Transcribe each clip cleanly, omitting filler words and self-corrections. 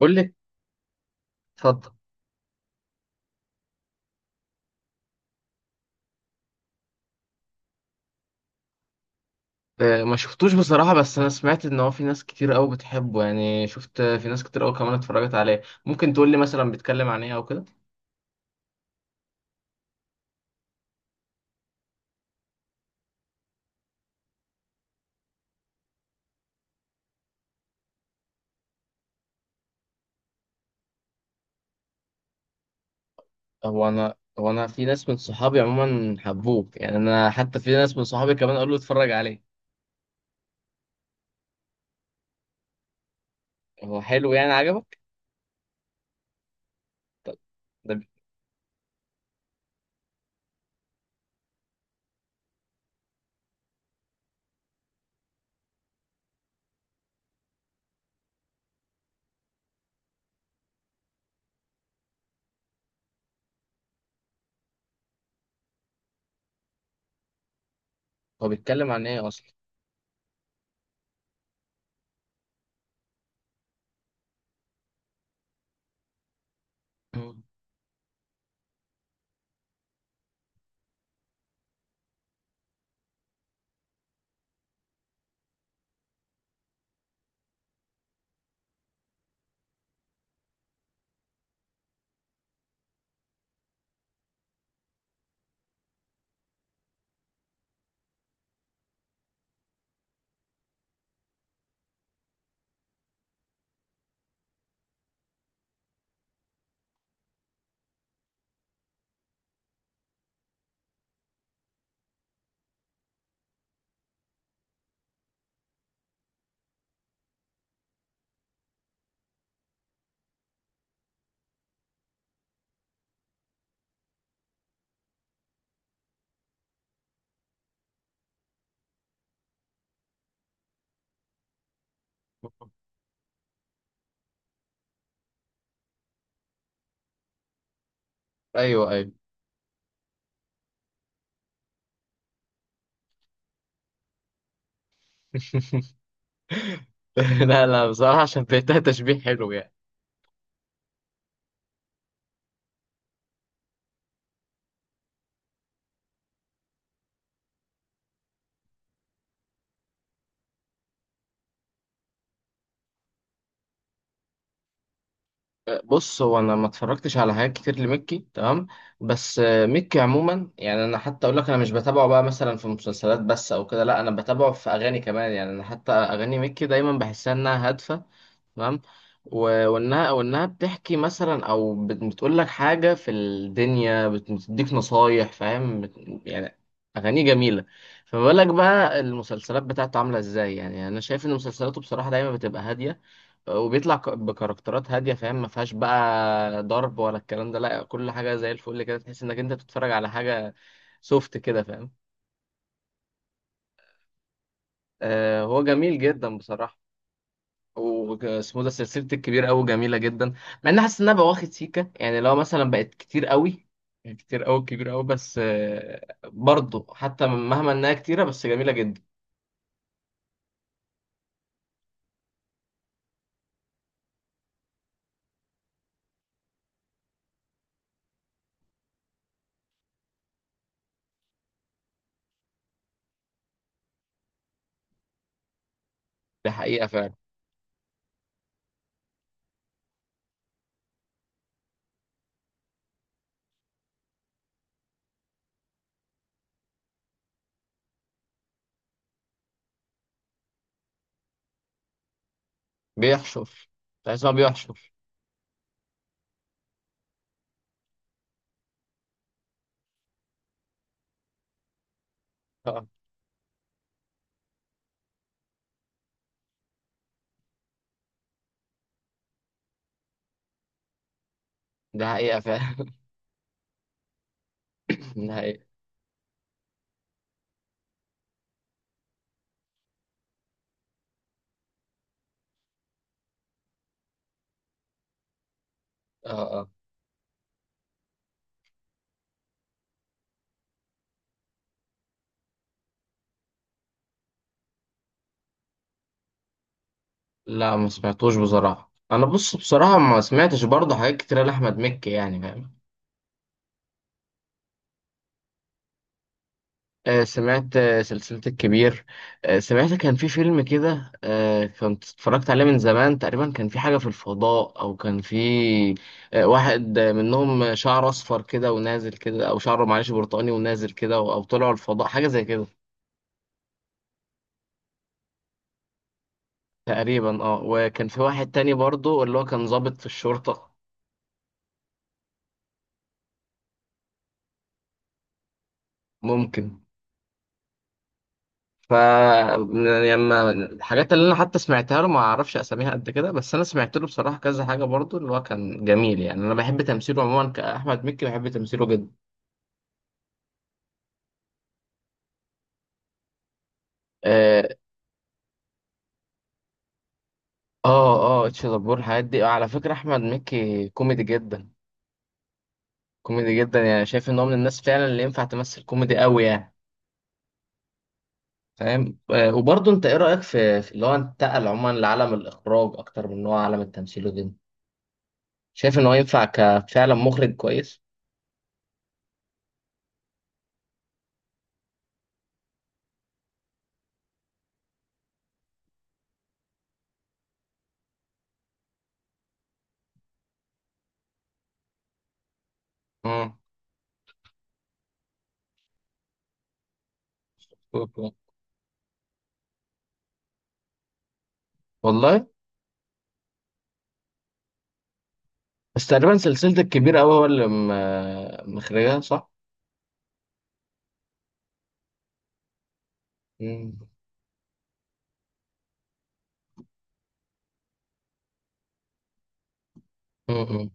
بقول لك، اتفضل. ما شفتوش بصراحة، بس أنا سمعت إن هو في ناس كتير قوي بتحبه. يعني شفت في ناس كتير قوي كمان اتفرجت عليه. ممكن تقول لي مثلا بيتكلم عن إيه أو كده؟ هو أنا في ناس من صحابي عموما حبوه، يعني أنا حتى في ناس من صحابي كمان قالوا اتفرج عليه. هو حلو يعني؟ عجبك؟ طب ده هو بيتكلم عن إيه أصلا؟ مم. أيوه أيوه. لا لا، بصراحة عشان بيتها تشبيه حلو يعني. بص، هو انا ما اتفرجتش على حاجات كتير لمكي، تمام، بس مكي عموما، يعني انا حتى اقول لك انا مش بتابعه بقى مثلا في مسلسلات بس او كده، لا انا بتابعه في اغاني كمان. يعني انا حتى اغاني مكي دايما بحسها انها هادفه، تمام، وانها بتحكي مثلا او بتقول لك حاجه في الدنيا، بتديك نصايح، فاهم؟ يعني اغاني جميله. فما بالك بقى المسلسلات بتاعته عامله ازاي؟ يعني انا شايف ان مسلسلاته بصراحه دايما بتبقى هاديه، وبيطلع بكاركترات هاديه، فاهم؟ ما فيهاش بقى ضرب ولا الكلام ده، لا كل حاجه زي الفل كده، تحس انك انت بتتفرج على حاجه سوفت كده، فاهم؟ آه هو جميل جدا بصراحه. واسمه ده سلسله الكبير قوي جميله جدا، مع اني حاسس انها بواخد سيكه، يعني لو مثلا بقت كتير قوي، يعني كتير قوي كبير قوي، بس آه برضه حتى مهما انها كتيره بس جميله جدا. ده حقيقه فعلا. بيحشر. تحس إن هو بيحشر. اه ده حقيقه فعلا. ده حقيقه. اه اه. لا ما سمعتوش بصراحة. أنا بص، بصراحة ما سمعتش برضه حاجات كتيرة لأحمد مكي يعني، فاهم؟ سمعت سلسلة الكبير. سمعت كان في فيلم كده، كنت اتفرجت عليه من زمان تقريبا، كان في حاجة في الفضاء أو كان في واحد، منهم شعره أصفر كده ونازل كده، أو شعره معلش برتقاني ونازل كده، أو طلعوا الفضاء حاجة زي كده. تقريبا اه. وكان في واحد تاني برضه اللي هو كان ضابط في الشرطة. ممكن. ف، لما الحاجات اللي انا حتى سمعتها له ما اعرفش اساميها قد كده، بس انا سمعت له بصراحه كذا حاجه برضو اللي هو كان جميل. يعني انا بحب تمثيله عموما كاحمد مكي، بحب تمثيله جدا. اه اه. اتش دبور، الحاجات دي. على فكره احمد مكي كوميدي جدا، كوميدي جدا. يعني شايف ان هو من الناس فعلا اللي ينفع تمثل كوميدي قوي يعني، فاهم؟ آه وبرضو انت ايه رايك في اللي هو انتقل عموما لعالم الاخراج اكتر من ان هو عالم التمثيل وكده؟ شايف ان هو ينفع كفعلا مخرج كويس؟ امم. والله. بس تقريبا سلسلة الكبير أوي هو اللي مخرجها، صح؟ مم. مم.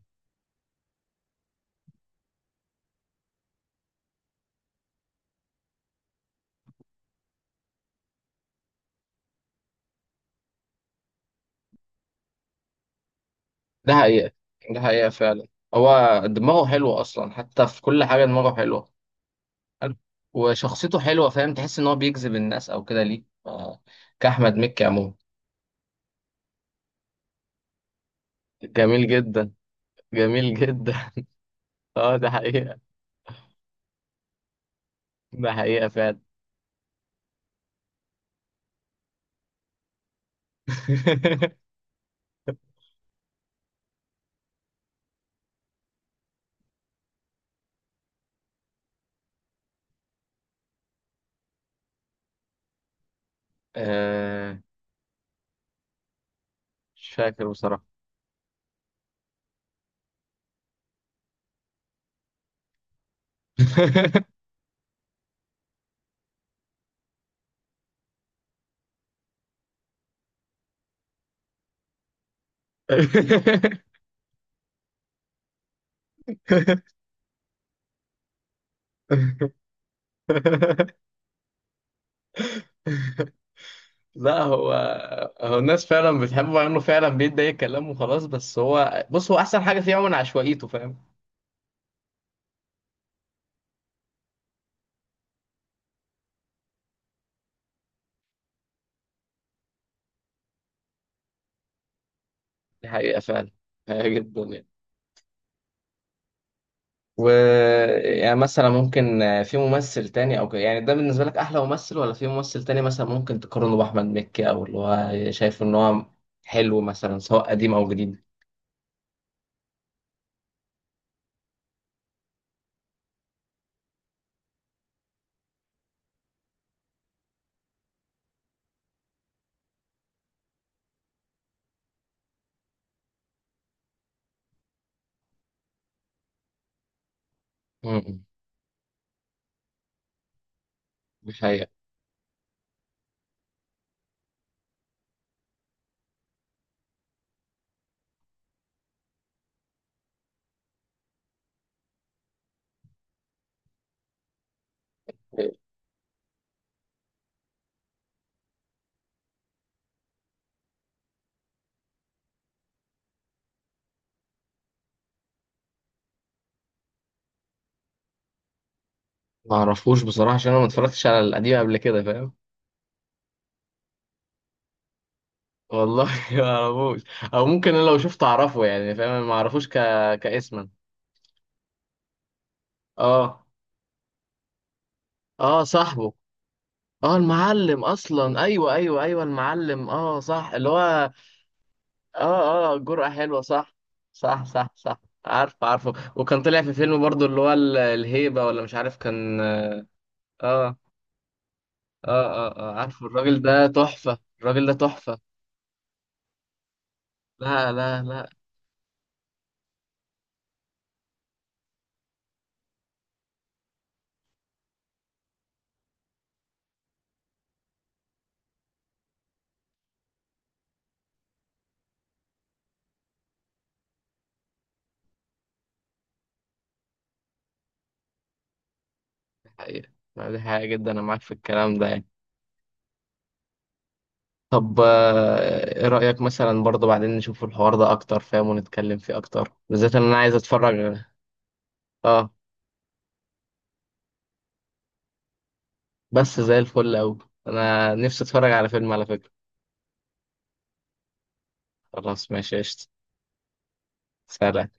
ده حقيقة. ده حقيقة فعلا. هو دماغه حلوة أصلا، حتى في كل حاجة دماغه حلوة. حلو. وشخصيته حلوة، فاهم؟ تحس إن هو بيجذب الناس أو كده ليه، كأحمد مكي عموما. جميل جدا، جميل جدا. اه ده حقيقة. ده حقيقة فعلا. آه، مش فاكر بصراحة. لا هو، هو الناس فعلا بتحبه مع انه فعلا بيدي اي كلام وخلاص، بس هو بص، هو احسن حاجه فيه عموما عشوائيته، فاهم؟ دي حقيقه فعلا، حقيقة جدا يعني. و، يعني مثلا ممكن في ممثل تاني او كده، يعني ده بالنسبه لك احلى ممثل، ولا في ممثل تاني مثلا ممكن تقارنه باحمد مكي، او اللي هو شايف ان هو حلو مثلا، سواء قديم او جديد؟ امم. دي حقيقه. ما اعرفوش بصراحه عشان انا ما اتفرجتش على القديم قبل كده، فاهم؟ والله. ما اعرفوش. او ممكن انا لو شفته اعرفه يعني، فاهم؟ أنا ما اعرفوش كاسما. اه اه، صاحبه. اه المعلم اصلا، ايوه ايوه ايوه المعلم، اه صح اللي هو. اه اه جرأة حلوة، صح صح صح. صح. عارف، عارفه، وكان طلع في فيلم برضو اللي هو الهيبة، ولا مش عارف، كان اه. اه اه, آه عارفه، الراجل ده تحفة، الراجل ده تحفة. لا لا لا. دي حقيقة، لا، دي حقيقة جدا، انا معاك في الكلام ده. طب ايه رأيك مثلا برضه بعدين نشوف الحوار ده اكتر، فاهم؟ ونتكلم فيه اكتر، بالذات ان انا عايز اتفرج. اه. بس زي الفل اوي، انا نفسي اتفرج على فيلم على فكرة. خلاص ماشي قشطة. سلام.